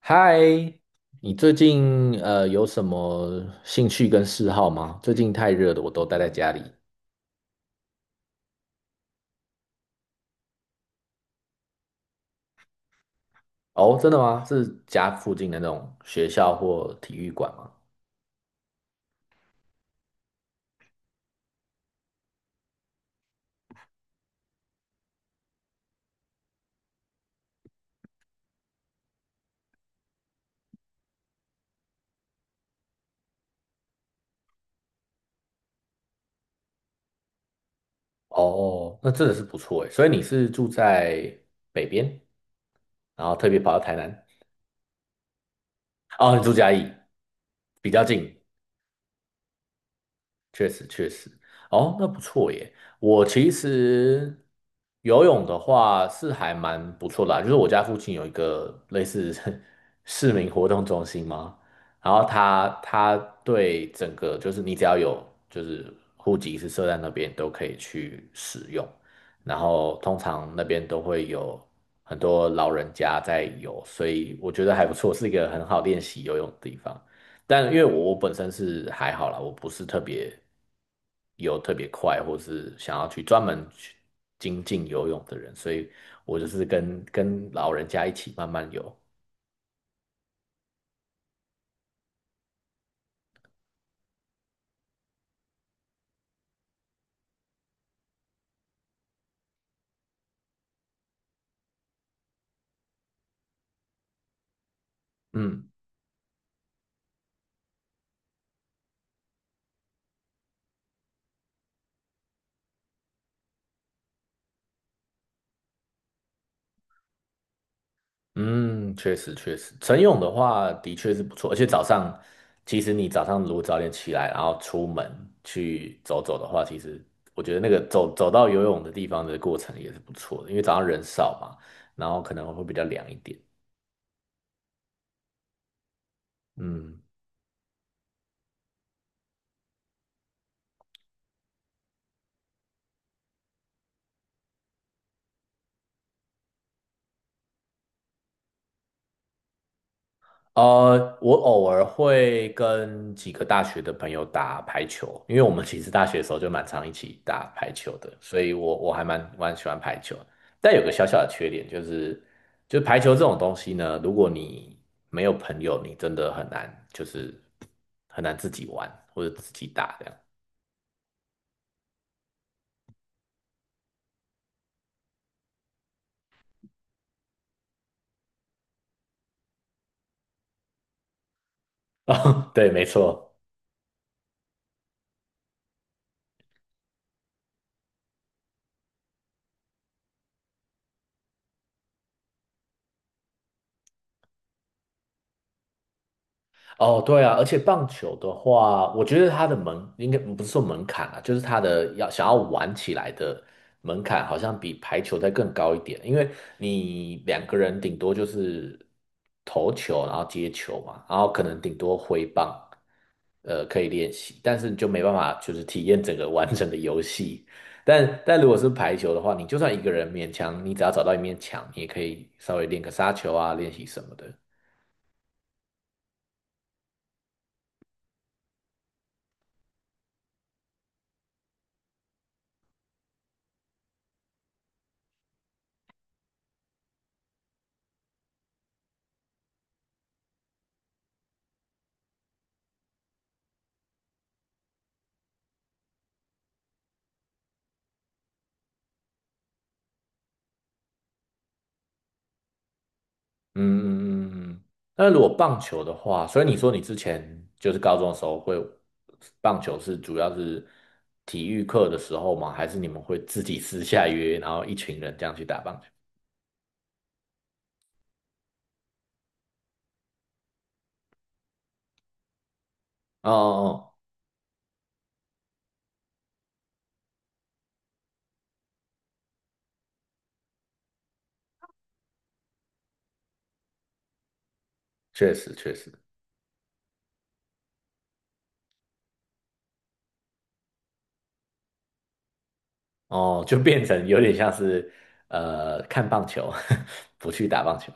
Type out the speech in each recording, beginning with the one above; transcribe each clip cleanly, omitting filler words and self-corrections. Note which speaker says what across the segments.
Speaker 1: 嗨，你最近有什么兴趣跟嗜好吗？最近太热了，我都待在家里。哦，真的吗？是家附近的那种学校或体育馆吗？哦，那真的是不错诶。所以你是住在北边，然后特别跑到台南？哦，你住嘉义，比较近。确实确实，哦，那不错耶。我其实游泳的话是还蛮不错的啊，就是我家附近有一个类似 市民活动中心嘛，然后它对，整个就是你只要有就是户籍是设在那边都可以去使用，然后通常那边都会有很多老人家在游，所以我觉得还不错，是一个很好练习游泳的地方。但因为我本身是还好啦，我不是特别游特别快，或是想要去专门去精进游泳的人，所以我就是跟老人家一起慢慢游。嗯嗯，确实确实，晨泳的话的确是不错，而且早上其实你早上如果早点起来，然后出门去走走的话，其实我觉得那个走走到游泳的地方的过程也是不错的，因为早上人少嘛，然后可能会比较凉一点。嗯。我偶尔会跟几个大学的朋友打排球，因为我们其实大学的时候就蛮常一起打排球的，所以我还蛮蛮喜欢排球。但有个小小的缺点就是，就排球这种东西呢，如果你没有朋友，你真的很难，就是很难自己玩或者自己打这样。哦，对，没错。哦，对啊，而且棒球的话，我觉得它的门应该不是说门槛啊，就是它的要想要玩起来的门槛，好像比排球再更高一点，因为你两个人顶多就是投球，然后接球嘛，然后可能顶多挥棒，可以练习，但是你就没办法就是体验整个完整的游戏。但如果是排球的话，你就算一个人勉强，你只要找到一面墙，你也可以稍微练个杀球啊，练习什么的。嗯嗯嗯嗯，那如果棒球的话，所以你说你之前就是高中的时候会棒球是主要是体育课的时候吗？还是你们会自己私下约，然后一群人这样去打棒球？哦哦哦，确实确实，哦，就变成有点像是看棒球，不去打棒球。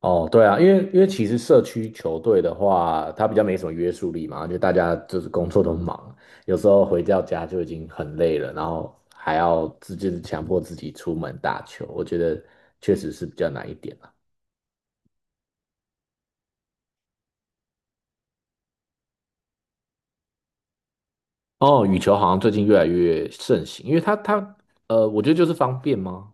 Speaker 1: 哦，对啊，因为其实社区球队的话，它比较没什么约束力嘛，就大家就是工作都忙，有时候回到家就已经很累了，然后还要自就是强迫自己出门打球，我觉得确实是比较难一点啊。哦，羽球好像最近越来越盛行，因为它我觉得就是方便吗？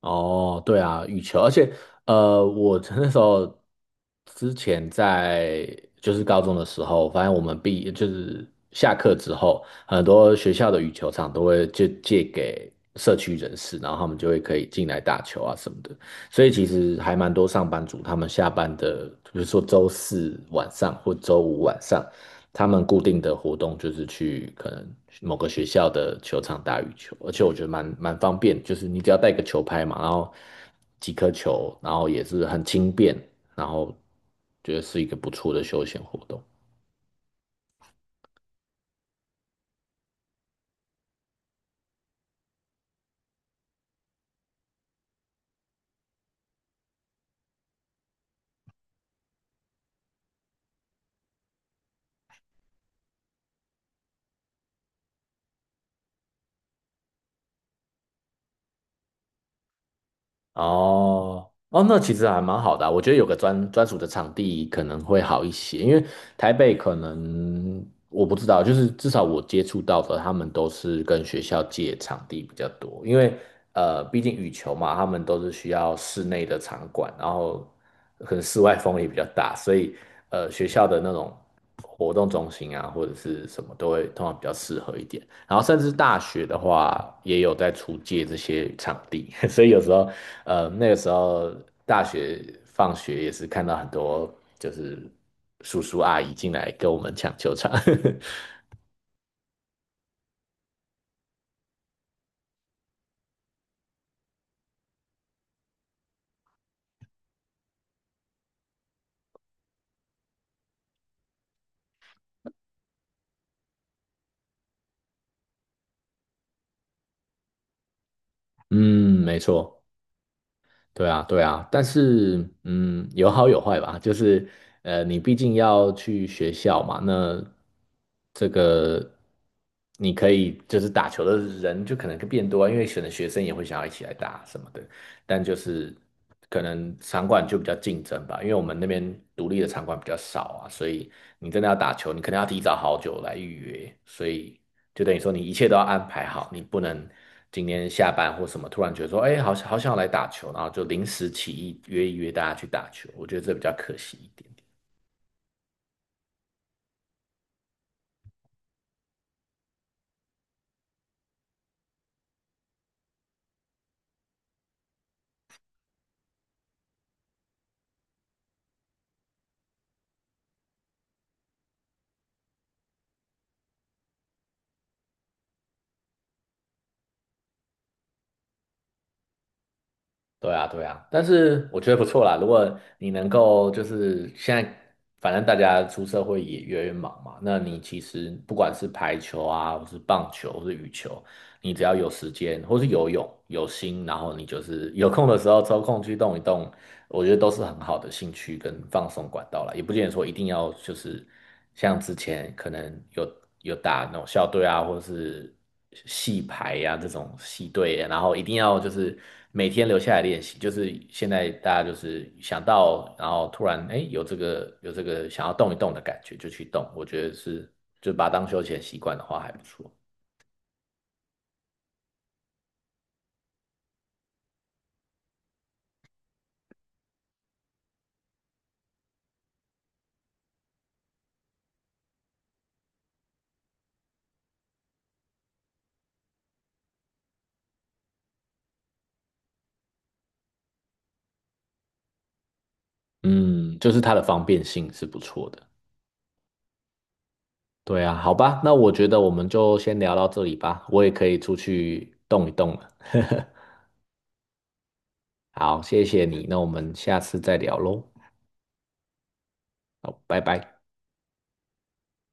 Speaker 1: 哦，对啊，羽球，而且我 那时候之前在就是高中的时候，发现我们毕就是下课之后，很多学校的羽球场都会就借给社区人士，然后他们就会可以进来打球啊什么的。所以其实还蛮多上班族，他们下班的，比如说周四晚上或周五晚上，他们固定的活动就是去可能某个学校的球场打羽球，而且我觉得蛮蛮方便，就是你只要带个球拍嘛，然后几颗球，然后也是很轻便，然后觉得是一个不错的休闲活动。哦哦，那其实还蛮好的啊，我觉得有个专属的场地可能会好一些，因为台北可能我不知道，就是至少我接触到的，他们都是跟学校借场地比较多，因为毕竟羽球嘛，他们都是需要室内的场馆，然后可能室外风也比较大，所以学校的那种。活动中心啊，或者是什么都会通常比较适合一点。然后甚至大学的话，也有在出借这些场地，所以有时候，那个时候大学放学也是看到很多就是叔叔阿姨进来跟我们抢球场。嗯，没错。对啊，对啊，但是嗯，有好有坏吧。就是你毕竟要去学校嘛，那这个你可以就是打球的人就可能变多啊，因为可能学生也会想要一起来打什么的。但就是可能场馆就比较竞争吧，因为我们那边独立的场馆比较少啊，所以你真的要打球，你可能要提早好久来预约，所以就等于说你一切都要安排好，你不能今天下班或什么突然觉得说，哎，好想好想来打球，然后就临时起意约一约大家去打球，我觉得这比较可惜一点点。对啊，对啊，但是我觉得不错啦，如果你能够就是现在，反正大家出社会也越来越忙嘛，那你其实不管是排球啊，或是棒球，或是羽球。你只要有时间，或是游泳，有心，然后你就是有空的时候抽空去动一动，我觉得都是很好的兴趣跟放松管道啦，也不见得说一定要就是像之前可能有打那种校队啊，或者是系排呀、这种系队，然后一定要就是每天留下来练习。就是现在大家就是想到，然后突然哎有这个想要动一动的感觉就去动，我觉得是就把它当休闲习惯的话还不错。嗯，就是它的方便性是不错的。对啊，好吧，那我觉得我们就先聊到这里吧，我也可以出去动一动了。好，谢谢你，那我们下次再聊喽。好，拜拜。